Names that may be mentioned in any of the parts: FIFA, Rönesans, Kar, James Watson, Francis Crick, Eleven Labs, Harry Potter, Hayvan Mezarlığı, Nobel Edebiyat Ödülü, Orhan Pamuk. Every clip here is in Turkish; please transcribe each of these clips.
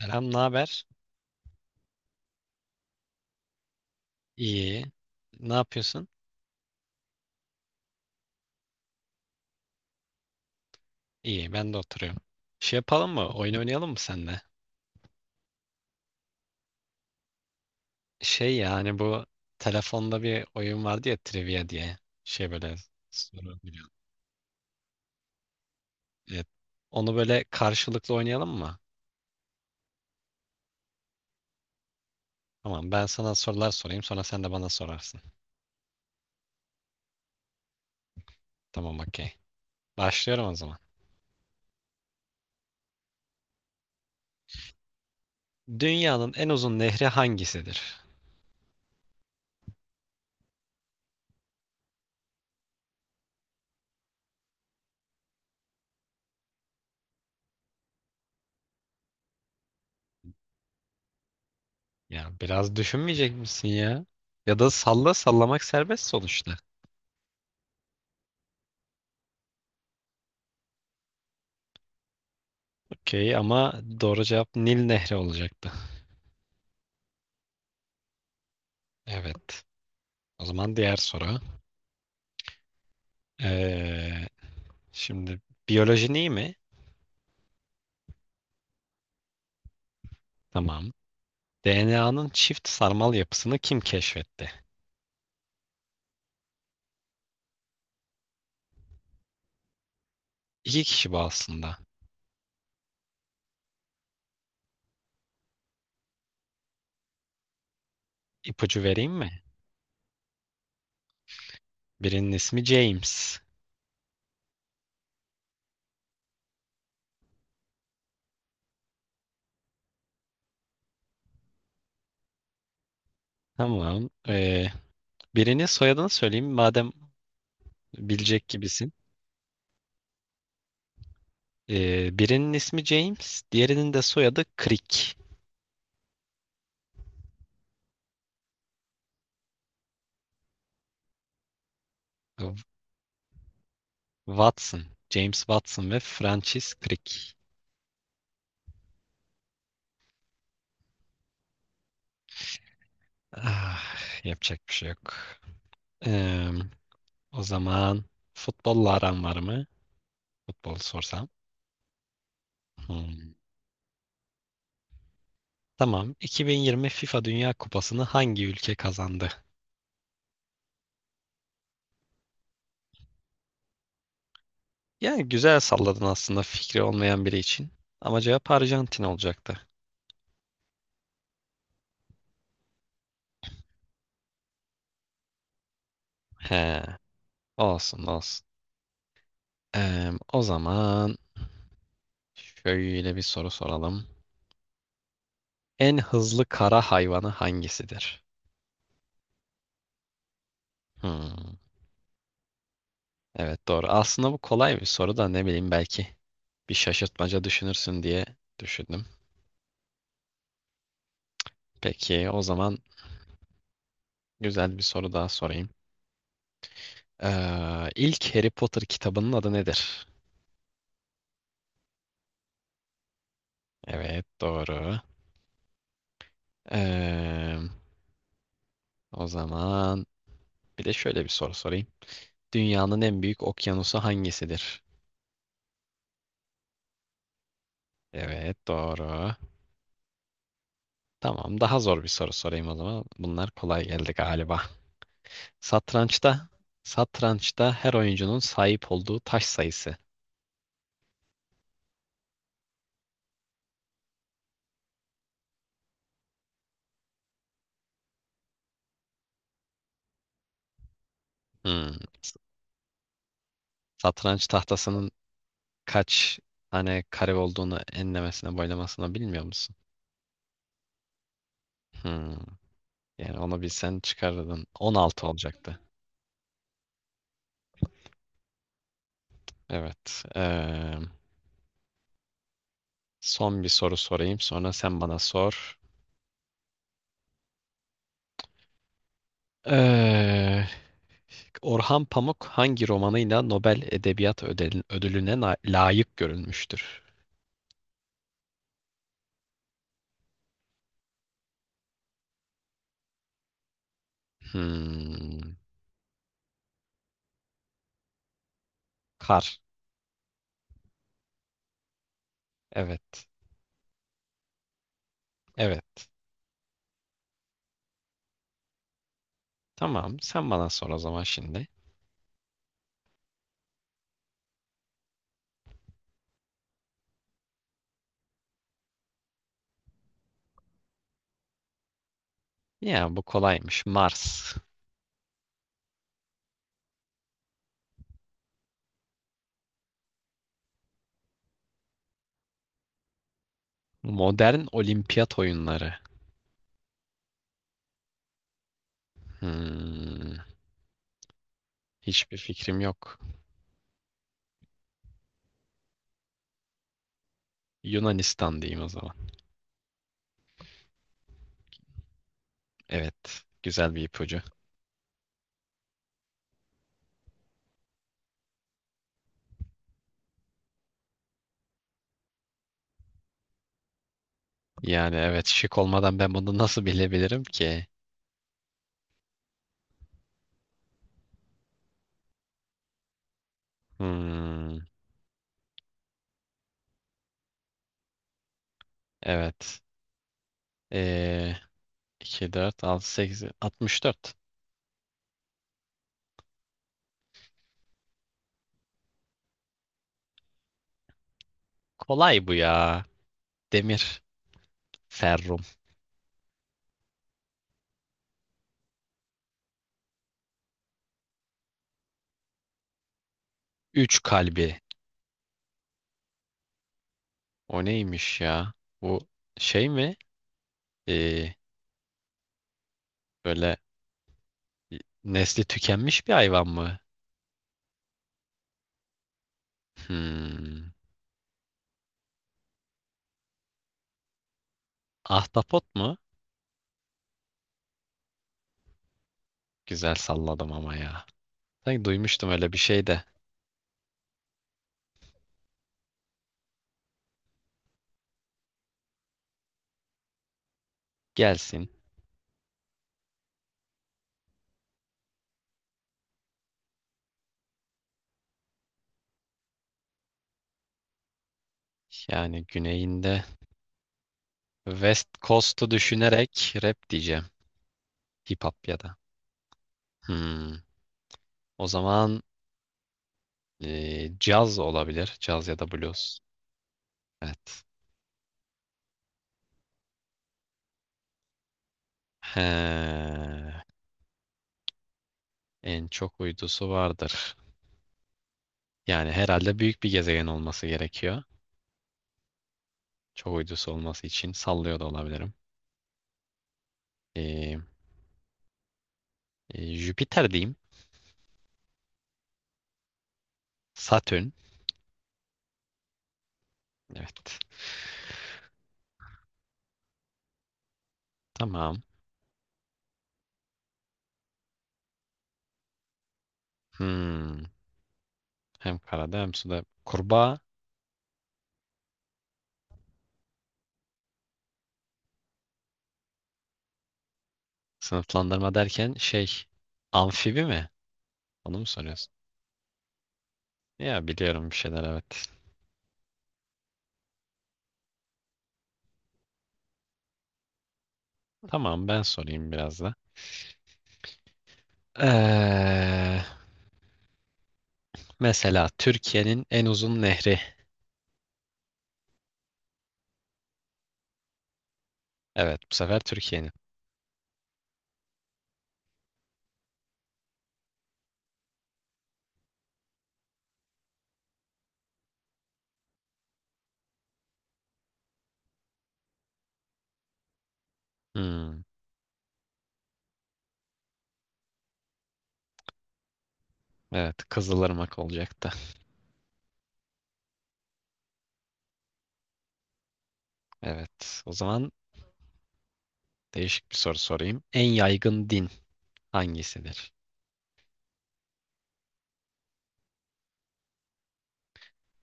Selam, ne haber? İyi. Ne yapıyorsun? İyi, ben de oturuyorum. Şey yapalım mı? Oyun oynayalım mı seninle? Şey yani bu telefonda bir oyun vardı ya trivia diye. Şey böyle soru biliyorum. Evet. Onu böyle karşılıklı oynayalım mı? Tamam, ben sana sorular sorayım, sonra sen de bana sorarsın. Tamam, okey. Başlıyorum o zaman. Dünyanın en uzun nehri hangisidir? Ya biraz düşünmeyecek misin ya? Ya da salla, sallamak serbest sonuçta. Okey ama doğru cevap Nil Nehri olacaktı. Evet. O zaman diğer soru. Ee, Şimdi biyolojin iyi mi? Tamam. DNA'nın çift sarmal yapısını kim keşfetti? İki kişi bu aslında. İpucu vereyim mi? Birinin ismi James. Tamam. Birinin soyadını söyleyeyim madem bilecek gibisin. Birinin ismi James, diğerinin de soyadı Crick. Watson. James Watson ve Francis Crick. Ah, yapacak bir şey yok. Eee, O zaman futbolla aran var mı? Futbol sorsam. Hmm. Tamam. 2020 FIFA Dünya Kupası'nı hangi ülke kazandı? Yani güzel salladın aslında fikri olmayan biri için. Ama cevap Arjantin olacaktı. He, olsun olsun. O zaman şöyle bir soru soralım. En hızlı kara hayvanı hangisidir? Hmm. Evet doğru. Aslında bu kolay bir soru da ne bileyim, belki bir şaşırtmaca düşünürsün diye düşündüm. Peki o zaman güzel bir soru daha sorayım. İlk Harry Potter kitabının adı nedir? Evet doğru. Ee, O zaman bir de şöyle bir soru sorayım. Dünyanın en büyük okyanusu hangisidir? Evet doğru. Tamam, daha zor bir soru sorayım o zaman. Bunlar kolay geldi galiba. Satrançta, satrançta her oyuncunun sahip olduğu taş sayısı. Hmm. Satranç tahtasının kaç tane kare olduğunu enlemesine boylamasına bilmiyor musun? Hmm. Yani onu bilsen çıkarırdın. 16 olacaktı. Evet. Son bir soru sorayım. Sonra sen bana sor. Eee, Orhan Pamuk hangi romanıyla Nobel Edebiyat Ödülüne layık görülmüştür? Hmm. Kar. Evet. Evet. Tamam. Sen bana sor o zaman şimdi. Ya bu kolaymış. Mars. Modern olimpiyat oyunları. Hmm, hiçbir fikrim yok. Yunanistan diyeyim o zaman. Evet, güzel bir ipucu. Yani evet, şık olmadan ben bunu nasıl bilebilirim ki? Hmm, evet. Ee, iki, dört, altı, sekiz, altmış dört. Kolay bu ya. Demir, ferrum. 3 kalbi. O neymiş ya? Bu şey mi? Ee, Böyle nesli tükenmiş bir hayvan mı? Hmm, ahtapot mu? Güzel salladım ama ya. Sanki duymuştum öyle bir şey de. Gelsin. Yani güneyinde West Coast'u düşünerek rap diyeceğim. Hip hop ya da. Hmm. O zaman caz olabilir. Caz ya da blues. Evet. He. En çok uydusu vardır. Yani herhalde büyük bir gezegen olması gerekiyor. Çok uydusu olması için sallıyor da olabilirim. Eee, Jüpiter diyeyim. Satürn. Evet. Tamam. Hmm. Hem karada hem suda. Kurbağa. Sınıflandırma derken şey, amfibi mi? Onu mu soruyorsun? Ya biliyorum bir şeyler, evet. Tamam, ben sorayım biraz da. Ee, Mesela Türkiye'nin en uzun nehri. Evet bu sefer Türkiye'nin. Hmm, evet, Kızılırmak olacaktı. Evet, o zaman değişik bir soru sorayım. En yaygın din hangisidir?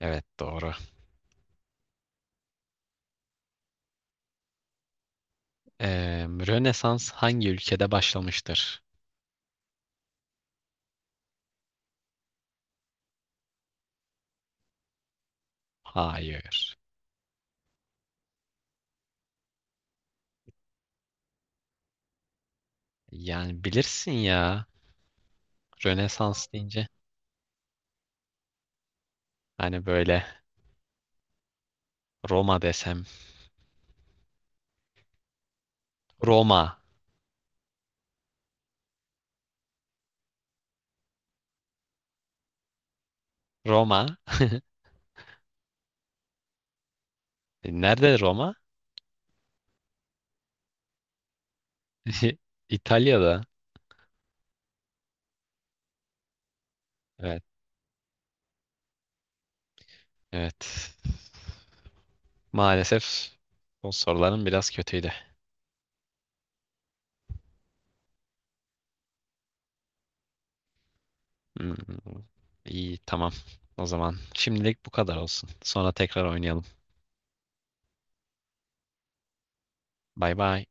Evet doğru. Rönesans hangi ülkede başlamıştır? Hayır. Yani bilirsin ya. Rönesans deyince hani böyle, Roma desem. Roma. Roma. E, nerede Roma? İtalya'da. Evet. Evet. Maalesef bu soruların biraz kötüydü. Hmm, iyi, tamam. O zaman şimdilik bu kadar olsun. Sonra tekrar oynayalım. Bay bay.